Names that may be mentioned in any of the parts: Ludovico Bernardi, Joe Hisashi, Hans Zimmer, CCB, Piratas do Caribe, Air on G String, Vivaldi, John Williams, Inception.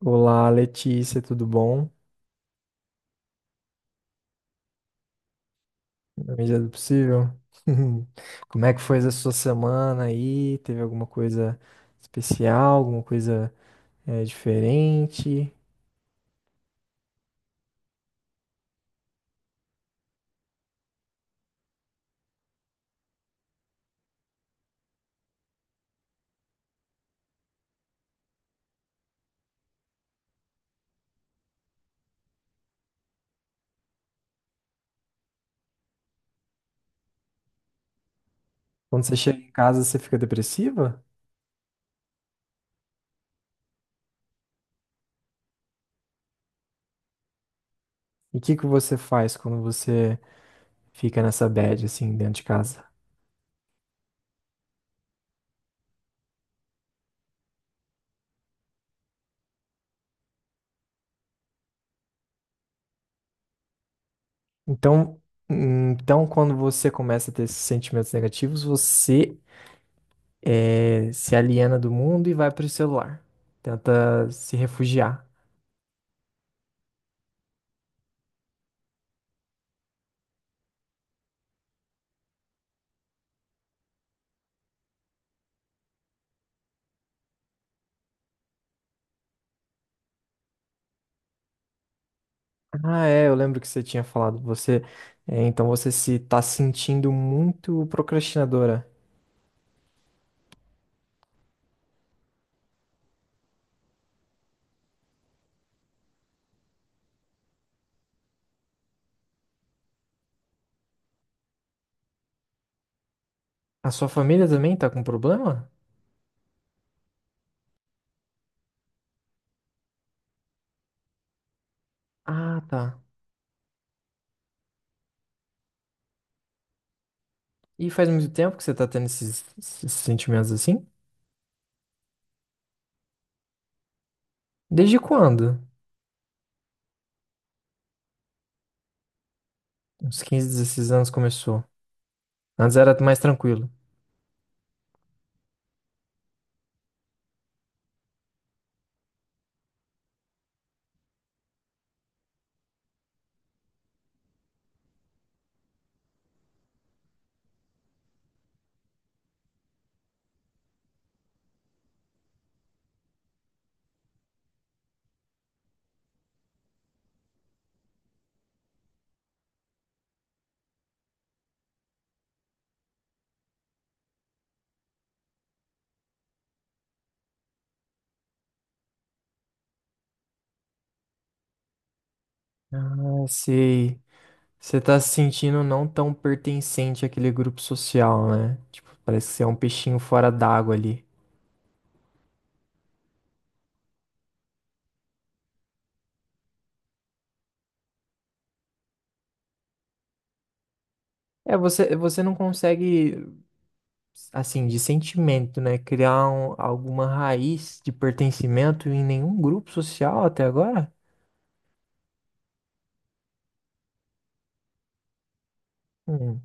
Olá, Letícia, tudo bom? Na medida do possível. Como é que foi essa sua semana aí? Teve alguma coisa especial, alguma coisa diferente? Quando você chega em casa, você fica depressiva? E o que que você faz quando você fica nessa bad, assim, dentro de casa? Então, então quando você começa a ter esses sentimentos negativos, você se aliena do mundo e vai para o celular. Tenta se refugiar. Ah, é, eu lembro que você tinha falado. Então você se tá sentindo muito procrastinadora. A sua família também tá com problema? Ah, tá. E faz muito tempo que você tá tendo esses sentimentos assim? Desde quando? Uns 15, 16 anos começou. Antes era mais tranquilo. Ah, sei. Você tá se sentindo não tão pertencente àquele grupo social, né? Tipo, parece que você é um peixinho fora d'água ali. É, você não consegue, assim, de sentimento, né? Criar alguma raiz de pertencimento em nenhum grupo social até agora? Hum.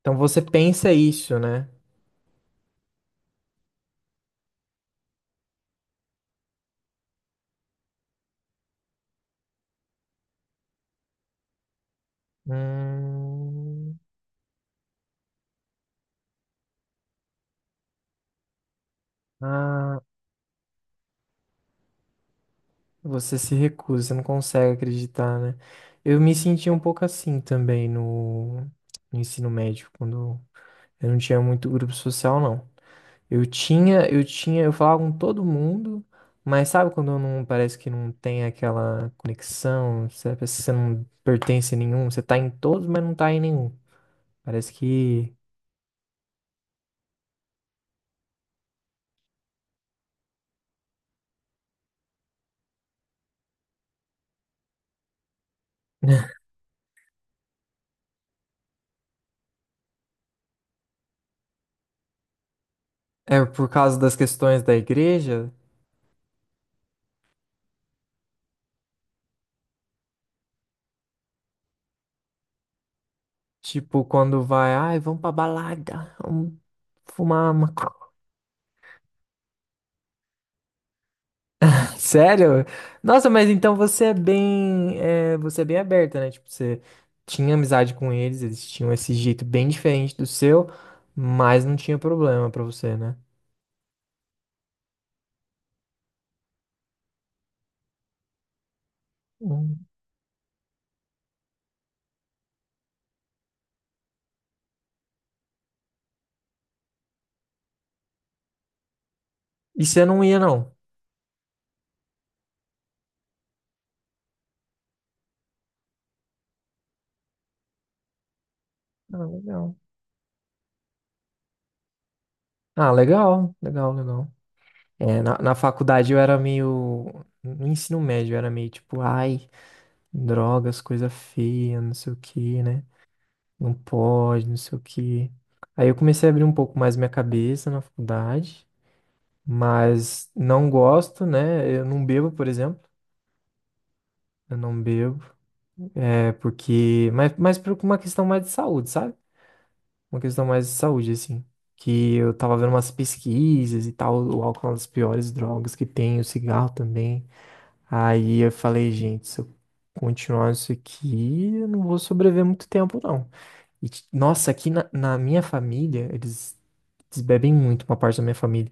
Então você pensa isso, né? Hum, ah, você se recusa, não consegue acreditar, né? Eu me senti um pouco assim também no ensino médio, quando eu não tinha muito grupo social, não. Eu falava com todo mundo, mas sabe quando não parece que não tem aquela conexão, você parece que você não pertence a nenhum, você tá em todos, mas não tá em nenhum. Parece que é por causa das questões da igreja, tipo quando vai, ai, vamos pra balada, vamos fumar maconha. Sério? Nossa, mas então você é bem aberta, né? Tipo, você tinha amizade com eles, eles tinham esse jeito bem diferente do seu, mas não tinha problema pra você, né? Hum, e você não ia, não? Ah, legal. Ah, legal, legal, legal. É, na faculdade eu era meio. No ensino médio eu era meio tipo, ai, drogas, coisa feia, não sei o que, né? Não pode, não sei o que. Aí eu comecei a abrir um pouco mais minha cabeça na faculdade. Mas não gosto, né? Eu não bebo, por exemplo. Eu não bebo. É porque. Mas por uma questão mais de saúde, sabe? Uma questão mais de saúde, assim. Que eu tava vendo umas pesquisas e tal. O álcool é uma das piores drogas que tem, o cigarro também. Aí eu falei, gente, se eu continuar isso aqui, eu não vou sobreviver muito tempo, não. E, nossa, aqui na minha família, eles bebem muito, uma parte da minha família.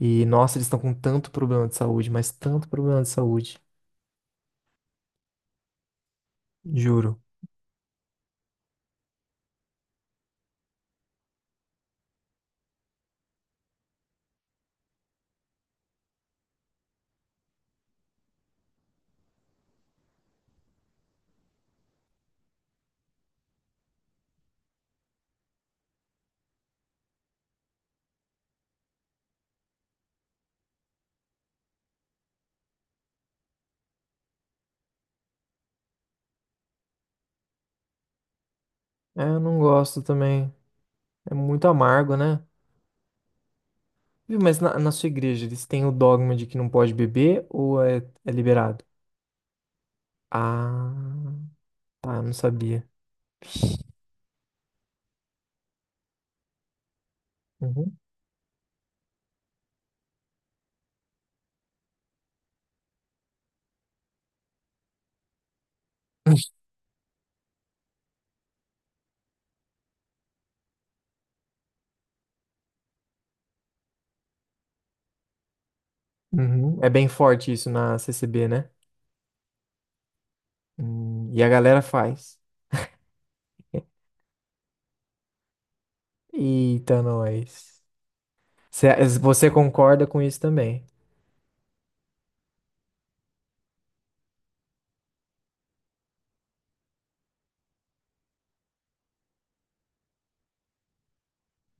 E, nossa, eles estão com tanto problema de saúde, mas tanto problema de saúde. Juro. É, eu não gosto também. É muito amargo, né? Viu, mas na sua igreja, eles têm o dogma de que não pode beber ou é liberado? Ah, tá, eu não sabia. Uhum. Uhum. É bem forte isso na CCB, né? E a galera faz. Eita, nós. Você concorda com isso também?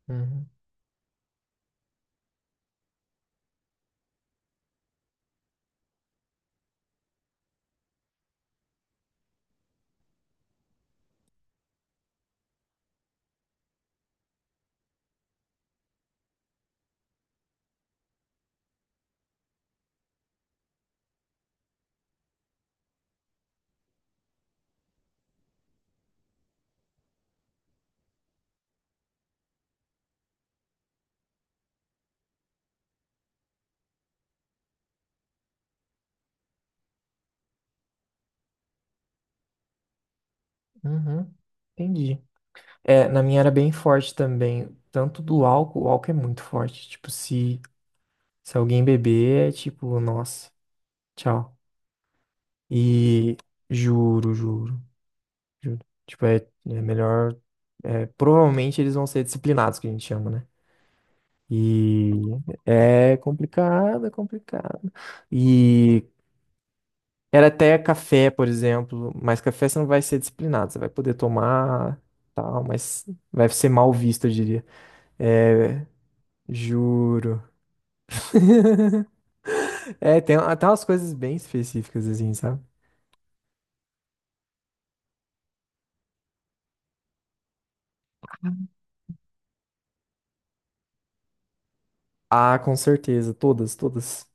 Uhum. Uhum, entendi. É, na minha era bem forte também. Tanto do álcool, o álcool é muito forte. Tipo, se alguém beber, é tipo, nossa, tchau. E juro, juro, juro. Tipo, é melhor. É, provavelmente eles vão ser disciplinados, que a gente chama, né? E é complicado, é complicado. E era até café, por exemplo. Mas café você não vai ser disciplinado. Você vai poder tomar, tal, mas vai ser mal visto, eu diria. É, juro. É, tem até umas coisas bem específicas, assim, sabe? Ah, com certeza. Todas, todas.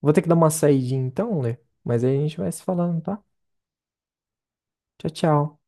Vou ter que dar uma saidinha então, Lê. Mas aí a gente vai se falando, tá? Tchau, tchau.